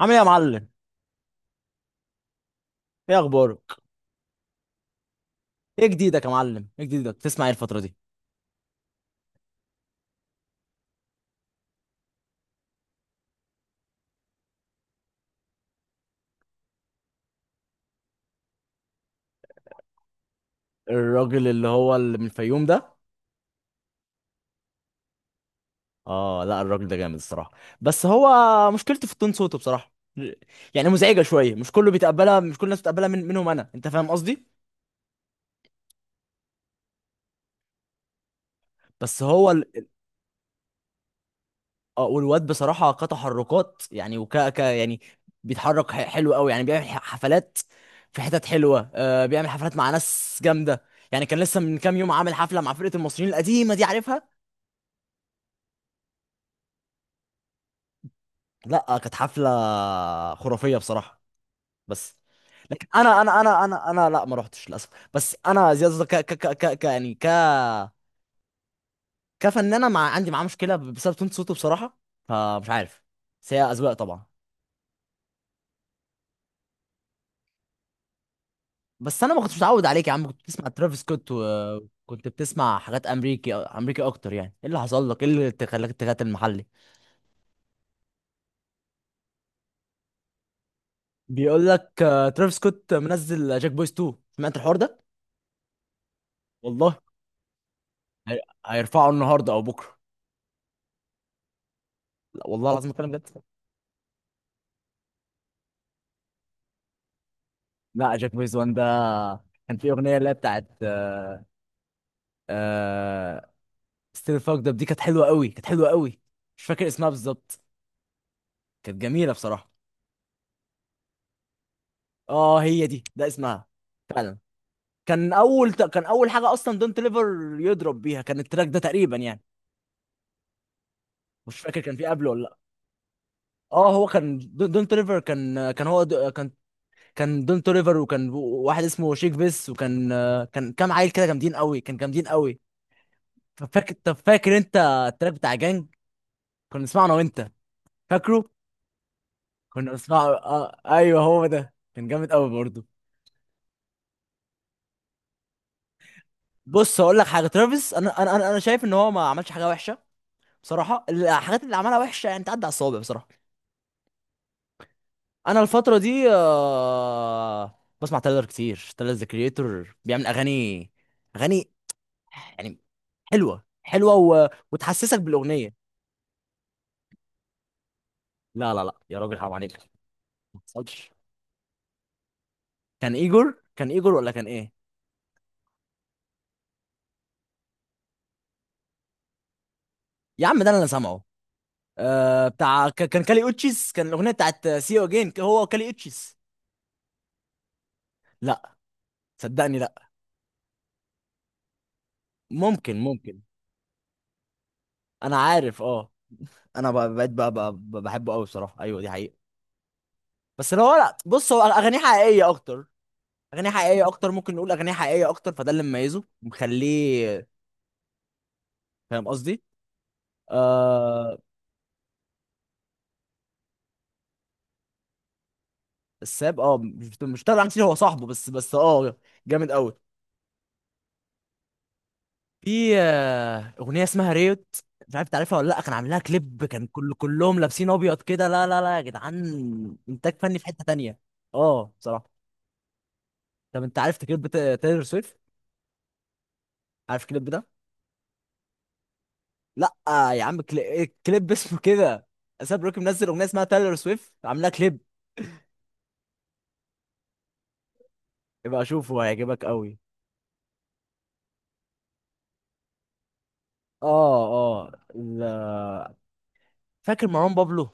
عامل ايه يا معلم؟ ايه اخبارك؟ ايه جديدك يا معلم، ايه جديدك؟ تسمع ايه الفتره دي؟ الراجل اللي من الفيوم ده؟ اه لا، الراجل ده جامد الصراحه. بس هو، مشكلته في التون صوته بصراحه، يعني مزعجه شويه. مش كله بيتقبلها، مش كل الناس بتقبلها، من منهم انا. انت فاهم قصدي؟ بس هو ال... والواد بصراحه كتحركات يعني وك ك يعني بيتحرك حلو قوي، يعني بيعمل حفلات في حتت حلوه. بيعمل حفلات مع ناس جامده. يعني كان لسه من كام يوم عامل حفله مع فرقه المصريين القديمه دي، عارفها؟ لا، كانت حفله خرافيه بصراحه بس. لكن انا لا ما رحتش للاسف. بس انا زياد ك ك ك ك ك- يعني ك كفنانه، مع عندي معاه مشكله بسبب تون صوته بصراحه، فمش عارف. بس هي اذواق طبعا. بس انا ما كنتش متعود عليك يا عم، كنت بتسمع ترافيس سكوت، وكنت بتسمع حاجات امريكي امريكي اكتر. يعني ايه اللي حصل لك؟ ايه اللي خلاك تغات المحلي؟ بيقول لك ترافيس سكوت منزل جاك بويز 2، سمعت الحوار ده؟ والله. هي- هيرفعه النهارده او بكره. لا والله العظيم الكلام ده. لا، جاك بيز وان ده كان في اغنيه اللي هي بتاعت آه ستيل فاكد اب، دي كانت حلوه قوي، كانت حلوه قوي. مش فاكر اسمها بالظبط. كانت جميله بصراحه. اه، هي دي، ده اسمها. فعلا. كان اول حاجه اصلا، دونت ليفر يضرب بيها كان التراك ده تقريبا يعني. مش فاكر كان في قبله ولا لا. اه، هو كان دونت ليفر، كان كان هو د- كان كان دونت ليفر، وكان واحد اسمه شيك بيس، وكان كان كام عيل كده جامدين قوي، كان جامدين قوي. طب فاكر انت التراك بتاع جانج؟ كنا نسمعه انا وانت، فاكره؟ كنا بنسمعه. اه ايوه هو ده، كان جامد قوي برضه. بص هقول لك حاجه، ترافيس انا شايف ان هو ما عملش حاجه وحشه بصراحه. الحاجات اللي عملها وحشه يعني تعدي على الصوابع بصراحه. انا الفتره دي بسمع تايلر كتير، تايلر ذا كريتور بيعمل اغاني، اغاني يعني حلوه حلوه و... وتحسسك بالاغنيه. لا لا لا يا راجل، حرام عليك. ما حصلش. كان ايجور، كان ايجور، ولا كان ايه؟ يا عم ده انا اللي سامعه. بتاع كان كالي اوتشيس، كان الاغنيه بتاعت سي يو اجين، هو وكالي اوتشيس. لا صدقني، لا. ممكن، ممكن. انا عارف، اه انا بقيت بقى بحبه قوي بصراحه. ايوه دي حقيقه. بس لو هو، لا بص، هو اغانيه حقيقيه اكتر، اغانيه حقيقيه اكتر، ممكن نقول اغانيه حقيقيه اكتر، فده اللي مميزه مخليه. فاهم قصدي؟ آه الساب، مش تابع كتير، هو صاحبه بس. بس جامد قوي. في اغنيه اسمها ريوت، مش عارف تعرفها ولا لا، كان عامل لها كليب، كان كل كلهم لابسين ابيض كده. لا لا لا يا جدعان، انتاج فني في حته تانية. اه بصراحه. طب انت عارف كليب تايلور سويفت؟ عارف الكليب ده؟ لا يا عم، كليب اسمه كده، اساب روكي منزل اغنيه اسمها تايلور سويفت، عاملها كليب. يبقى شوفه هيعجبك قوي. اه اه فاكر مروان بابلو؟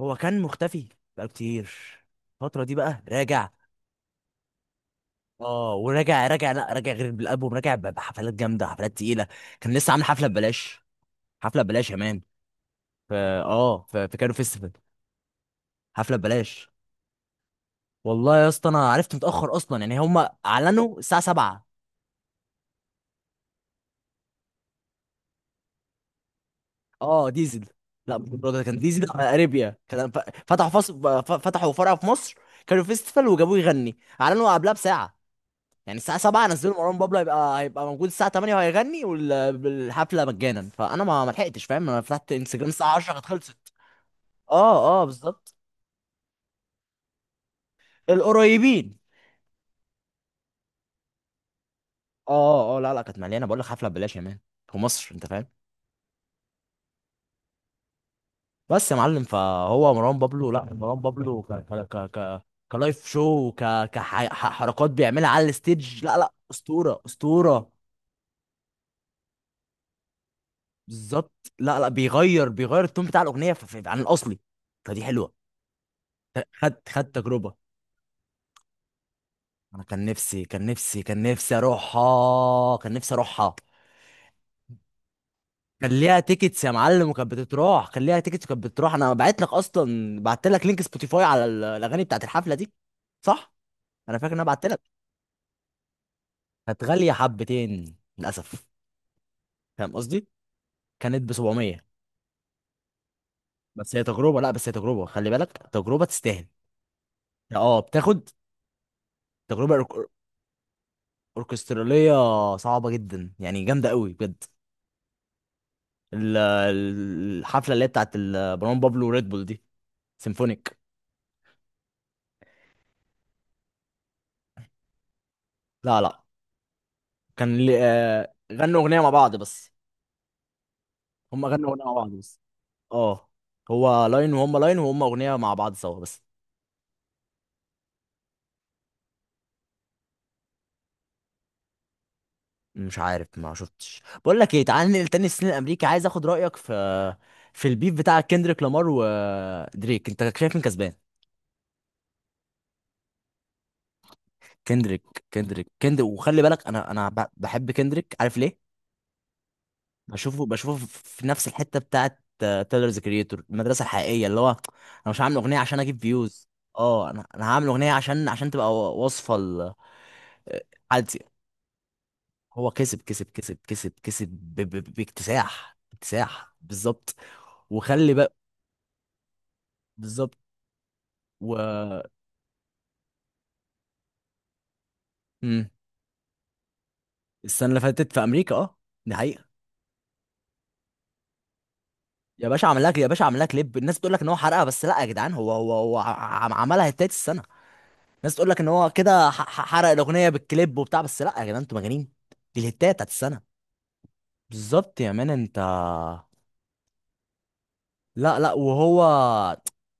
هو كان مختفي بقى كتير الفتره دي، بقى راجع. اه، وراجع راجع، لا راجع غير بالالبوم، راجع بحفلات جامده، حفلات تقيله. كان لسه عامل حفله ببلاش. حفله ببلاش يا مان. في كانو فيستيفال. حفله ببلاش. والله يا اسطى، انا عرفت متاخر اصلا، يعني هم اعلنوا الساعه 7. اه ديزل. لا ده كان ديزل على اريبيا. كان فتحوا فرع في مصر. كانوا فيستيفال وجابوه يغني، اعلنوا قبلها بساعه. يعني الساعه 7 نزلوا مروان بابلو هيبقى موجود الساعه 8 وهيغني، والحفله مجانا. فانا ما لحقتش فاهم. انا فتحت انستجرام الساعه 10 كانت خلصت. اه اه بالظبط. القريبين. اه اه، لا لا، كانت مليانه، بقول لك حفله ببلاش يا مان في مصر، انت فاهم. بس يا معلم، فهو مروان بابلو، لا مروان بابلو ك ك ك ك كلايف شو، كحركات بيعملها على الستيج. لا لا اسطوره، اسطوره. بالظبط. لا لا، بيغير التون بتاع الاغنيه عن الاصلي، فدي حلوه. خد خد تجربه. انا كان نفسي، اروحها، كان نفسي اروحها. كان ليها تيكتس يا معلم، وكانت بتتراح، كان ليها تيكتس وكانت بتتراح. انا بعت لك اصلا، بعت لك لينك سبوتيفاي على الاغاني بتاعت الحفله دي. صح، انا فاكر ان انا بعت لك. كانت غاليه حبتين للاسف، فاهم قصدي؟ كانت ب 700. بس هي تجربه، لا بس هي تجربه، خلي بالك تجربه تستاهل. اه بتاخد تجربه اوركستراليه، صعبه جدا يعني، جامده قوي بجد. الحفله اللي هي بتاعت مروان بابلو وريد بول دي، سيمفونيك. لا لا، كان غنوا اغنيه مع بعض بس. هم غنوا اغنيه مع بعض بس. اه، هو لاين وهم لاين، وهم اغنيه مع بعض سوا بس. مش عارف، ما شفتش. بقول لك ايه، تعال ننقل تاني السن الامريكي، عايز اخد رايك في، في البيف بتاع كندريك لامار ودريك، انت شايف مين كسبان؟ كندريك، وخلي بالك انا بحب كندريك، عارف ليه؟ بشوفه، في نفس الحته بتاعه تايلرز كريتور، المدرسه الحقيقيه، اللي هو: انا مش هعمل اغنيه عشان اجيب فيوز. اه، انا هعمل اغنيه عشان تبقى وصفه حالتي. هو كسب، باكتساح، اكتساح، بالظبط. وخلي بقى. بالظبط. و مم. السنه اللي فاتت في امريكا، اه، دي حقيقه. يا باشا عمل لك، كليب. الناس بتقول لك ان هو حرقها، بس لا يا جدعان، هو عملها التالت السنه. الناس تقول لك ان هو كده حرق الاغنيه بالكليب وبتاع، بس لا يا جدعان انتوا مجانين. دي الهتايه بتاعت السنه. بالظبط يا مان، انت. لا لا، وهو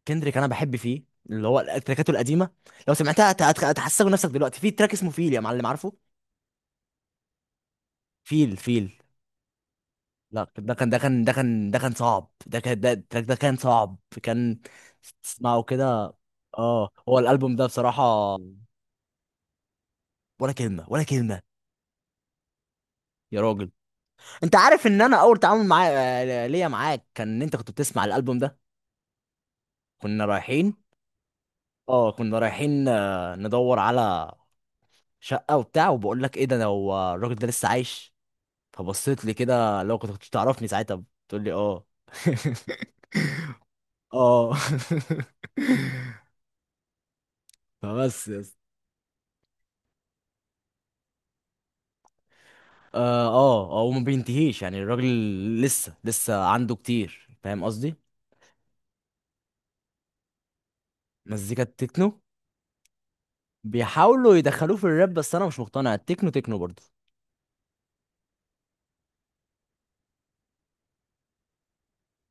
كندريك، انا بحب فيه اللي هو التراكاته القديمه. لو سمعتها هتحسسك نفسك دلوقتي. في تراك اسمه فيل يا معلم، عارفه؟ فيل، فيل. لا ده كان، صعب، ده كان ده التراك ده كان صعب، كان تسمعه كده. اه، هو الالبوم ده بصراحه، ولا كلمه، ولا كلمه. يا راجل، انت عارف ان انا اول تعامل معايا، ليا معاك، كان ان انت كنت بتسمع الالبوم ده. كنا رايحين، اه كنا رايحين ندور على شقه وبتاع، وبقول لك ايه ده، انا هو الراجل ده لسه عايش؟ فبصيت لي كده. لو كنت تعرفني ساعتها، بتقول لي اه. اه. فبس يا اسطى. اه اه وما بينتهيش يعني الراجل، لسه عنده كتير، فاهم قصدي؟ مزيكا التكنو بيحاولوا يدخلوه في الراب، بس انا مش مقتنع، التكنو تكنو برضه.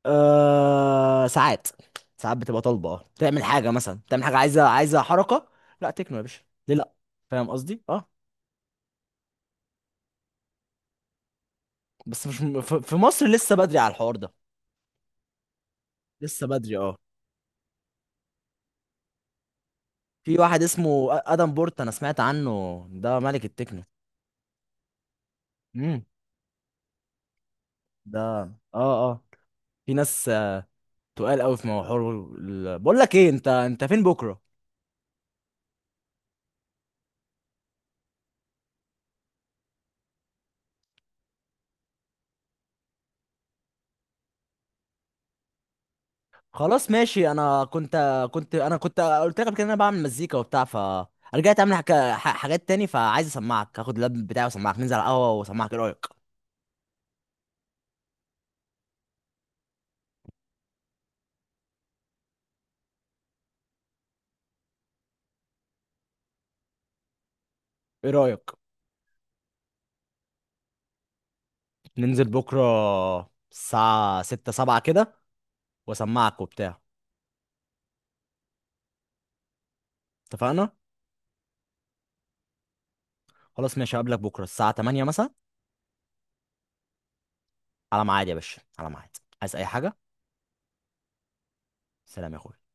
آه ساعات، ساعات بتبقى طالبه، اه تعمل حاجه مثلا، تعمل حاجه عايزه، حركه. لا تكنو يا باشا، ليه لا؟ فاهم قصدي، اه. بس مش في مصر لسه بدري على الحوار ده. لسه بدري، اه. في واحد اسمه ادم بورت، انا سمعت عنه ده ملك التكنو. امم. ده. اه اه. في ناس تقال قوي في موضوع بقول لك ايه، انت فين بكره؟ خلاص ماشي. انا كنت قلت لك قبل كده إن انا بعمل مزيكا وبتاع، ف، رجعت اعمل حاجات تاني، فعايز اسمعك. هاخد اللاب بتاعي واسمعك، ننزل على القهوه واسمعك ايه رايك. ايه رايك ننزل بكره الساعه 6 7 كده، واسمعك وبتاع؟ اتفقنا. خلاص ماشي، هقابلك بكره الساعه 8 مثلا. على ميعاد يا باشا، على ميعاد، عايز اي حاجه. سلام يا اخويا.